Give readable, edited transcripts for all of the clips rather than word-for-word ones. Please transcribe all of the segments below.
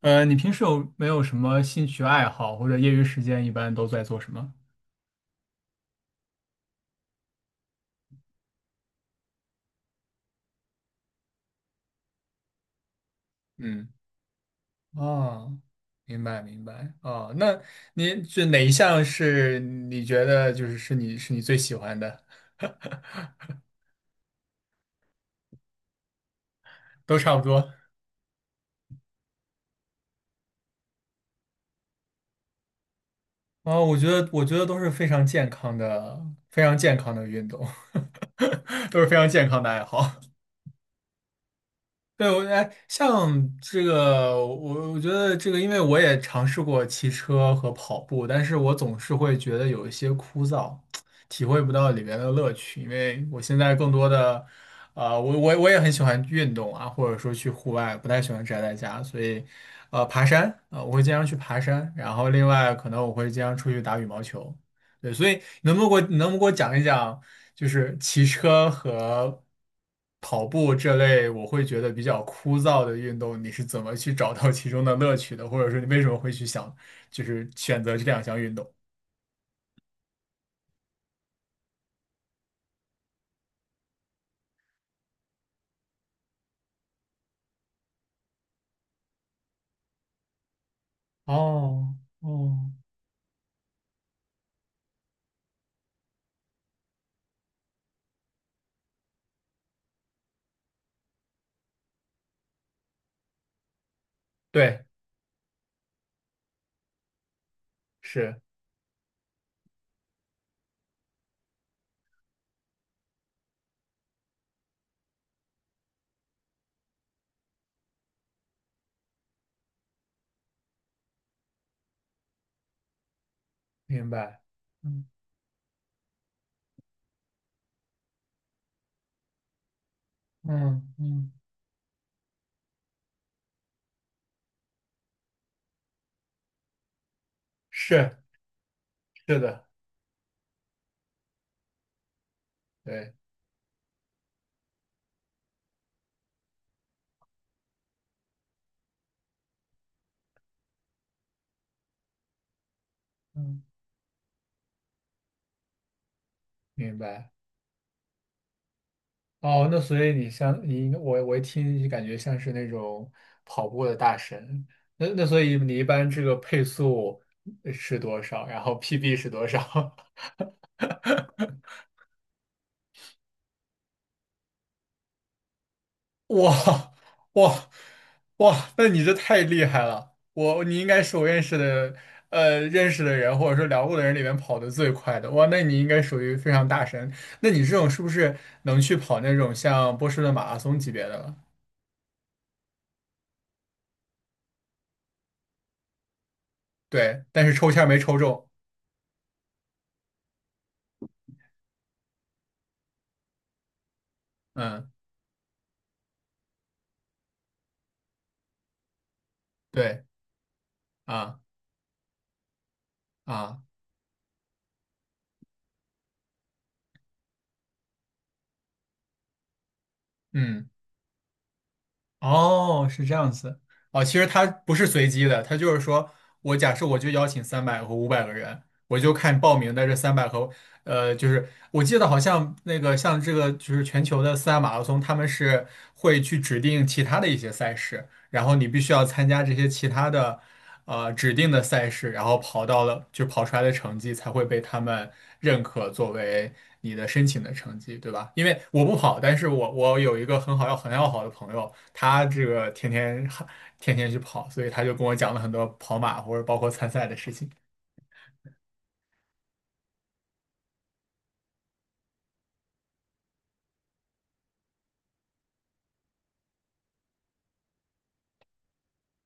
你平时有没有什么兴趣爱好，或者业余时间一般都在做什么？嗯，哦，明白明白，哦，那您这哪一项是你觉得就是是你最喜欢的？都差不多。哦，我觉得都是非常健康的运动，都是非常健康的爱好。对，像这个，我觉得这个，因为我也尝试过骑车和跑步，但是我总是会觉得有一些枯燥，体会不到里面的乐趣。因为我现在更多的，我也很喜欢运动啊，或者说去户外，不太喜欢宅在家，所以，爬山啊，呃我会经常去爬山，然后另外可能我会经常出去打羽毛球。对，所以能不能给我讲一讲？就是骑车和跑步这类，我会觉得比较枯燥的运动，你是怎么去找到其中的乐趣的？或者说你为什么会去想，就是选择这两项运动？哦哦，对，是，明白，嗯嗯嗯是，是的，对，嗯，明白。哦，那所以像你，我就感觉像是那种跑步的大神。那所以你一般这个配速是多少？然后 PB 是多少？哇哇哇！那你这太厉害了！你应该是我认识的人或者说聊过的人里面跑得最快的。哇，那你应该属于非常大神。那你这种是不是能去跑那种像波士顿马拉松级别的了？对，但是抽签儿没抽中。嗯，对啊。啊，嗯，哦，是这样子，哦，其实它不是随机的，它就是说我假设我就邀请三百和500个人，我就看报名的这三百和就是我记得好像那个像这个就是全球的四大马拉松，他们是会去指定其他的一些赛事，然后你必须要参加这些其他的指定的赛事，然后跑到了就跑出来的成绩才会被他们认可作为你的申请的成绩，对吧？因为我不跑，但是我有一个很要好的朋友，他这个天天去跑，所以他就跟我讲了很多跑马或者包括参赛的事情。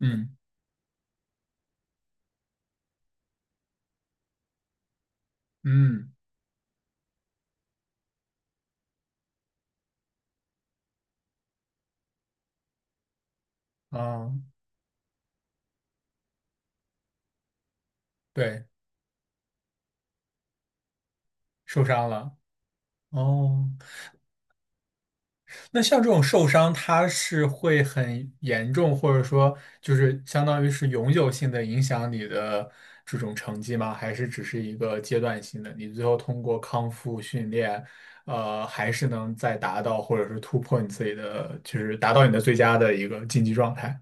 嗯嗯啊，对，受伤了哦。那像这种受伤，它是会很严重，或者说就是相当于是永久性的影响你的这种成绩吗？还是只是一个阶段性的？你最后通过康复训练，还是能再达到或者是突破你自己的，就是达到你的最佳的一个竞技状态。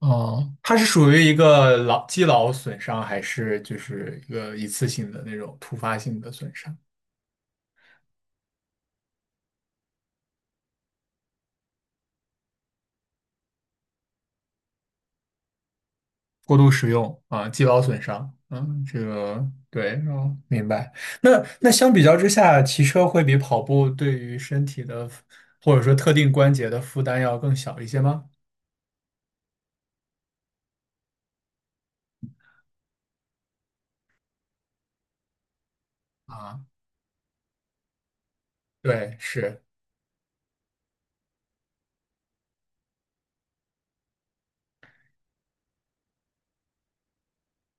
哦，它是属于一个肌劳损伤，还是就是一个一次性的那种突发性的损伤？过度使用啊，肌劳损伤。嗯，这个对，哦，明白。那那相比较之下，骑车会比跑步对于身体的或者说特定关节的负担要更小一些吗？啊，对，是，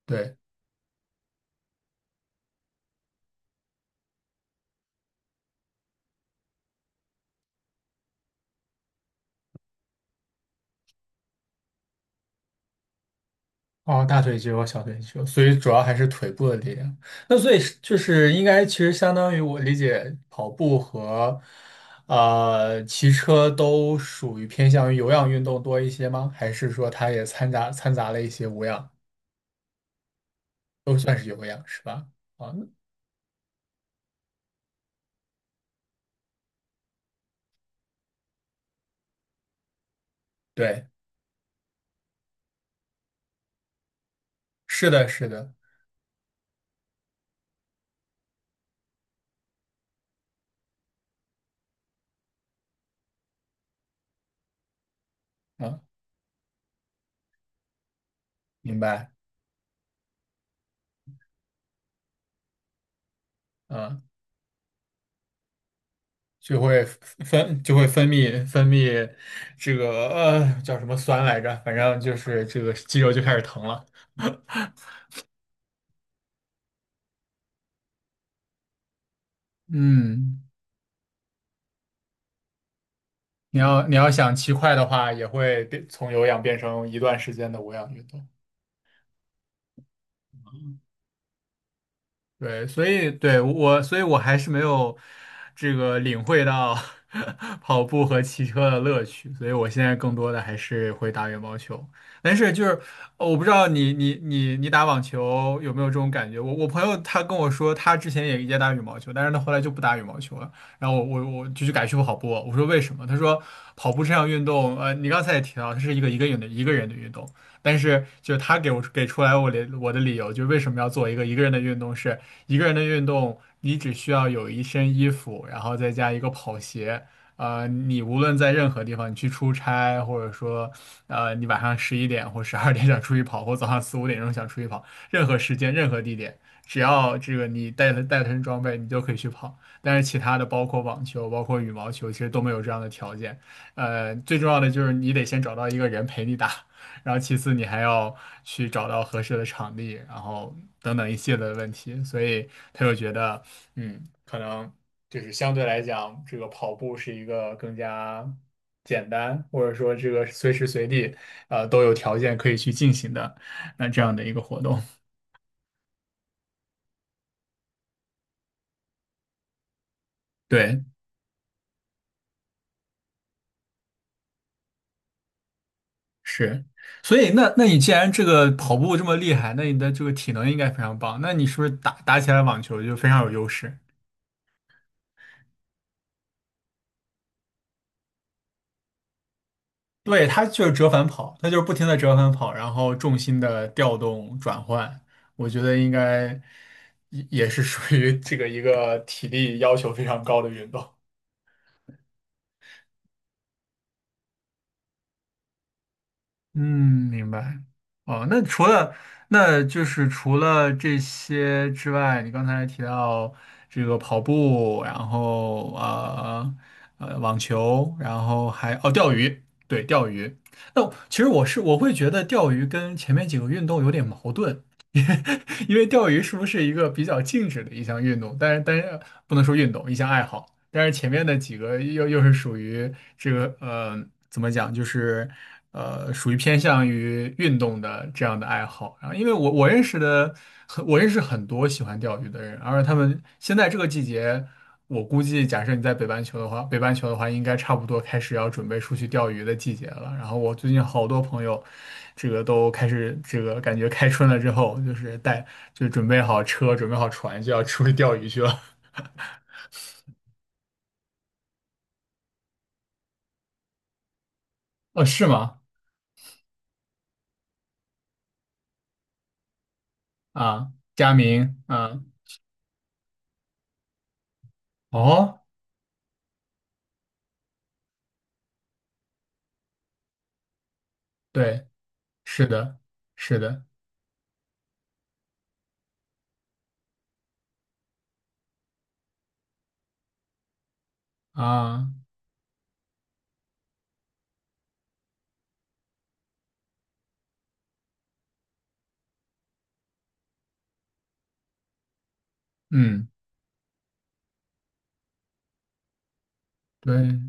对。哦，大腿肌肉、小腿肌肉，所以主要还是腿部的力量。那所以是就是应该其实相当于我理解，跑步和骑车都属于偏向于有氧运动多一些吗？还是说它也掺杂了一些无氧？都算是有氧是吧？啊，对，是的，是的，啊，明白，啊，就会分泌这个叫什么酸来着？反正就是这个肌肉就开始疼了。嗯，你要想骑快的话，也会变从有氧变成一段时间的无氧运动。对，所以对我，所以我还是没有这个领会到 跑步和骑车的乐趣，所以我现在更多的还是会打羽毛球。但是就是我不知道你打网球有没有这种感觉？我朋友他跟我说，他之前也打羽毛球，但是他后来就不打羽毛球了。然后我就去改去跑步。我说为什么？他说跑步这项运动，你刚才也提到，它是一个人的运动。但是，就他给我给出来我的理由，就是为什么要做一个人的运动是，一个人的运动，你只需要有一身衣服，然后再加一个跑鞋。你无论在任何地方，你去出差，或者说，你晚上11点或12点想出去跑，或早上四五点钟想出去跑，任何时间、任何地点，只要这个你带了身装备，你就可以去跑。但是其他的，包括网球、包括羽毛球，其实都没有这样的条件。最重要的就是你得先找到一个人陪你打。然后其次你还要去找到合适的场地，然后等等一系列的问题，所以他就觉得，嗯，可能就是相对来讲，这个跑步是一个更加简单，或者说这个随时随地，都有条件可以去进行的，那这样的一个活动，对，是。所以那你既然这个跑步这么厉害，那你的这个体能应该非常棒，那你是不是打起来网球就非常有优势？对，它就是折返跑，它就是不停的折返跑，然后重心的调动转换，我觉得应该也是属于这个一个体力要求非常高的运动。嗯，明白。哦，那就是除了这些之外，你刚才提到这个跑步，然后网球，然后还钓鱼，对钓鱼。那其实我会觉得钓鱼跟前面几个运动有点矛盾。因为钓鱼是不是一个比较静止的一项运动？但是不能说运动，一项爱好。但是前面的几个又是属于这个怎么讲，就是属于偏向于运动的这样的爱好。然后，因为我认识很多喜欢钓鱼的人，而他们现在这个季节。我估计，假设你在北半球的话，应该差不多开始要准备出去钓鱼的季节了。然后我最近好多朋友，这个都开始这个感觉开春了之后，就是带就准备好车，准备好船，就要出去钓鱼去了。哦，是吗？啊，佳明，啊，哦，对，是的，是的，啊，嗯。对，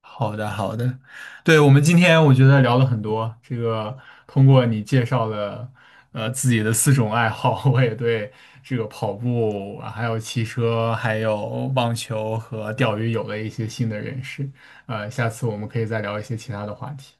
好的好的，对，我们今天我觉得聊了很多，这个通过你介绍了自己的四种爱好，我也对这个跑步，还有骑车，还有网球和钓鱼有了一些新的认识。下次我们可以再聊一些其他的话题。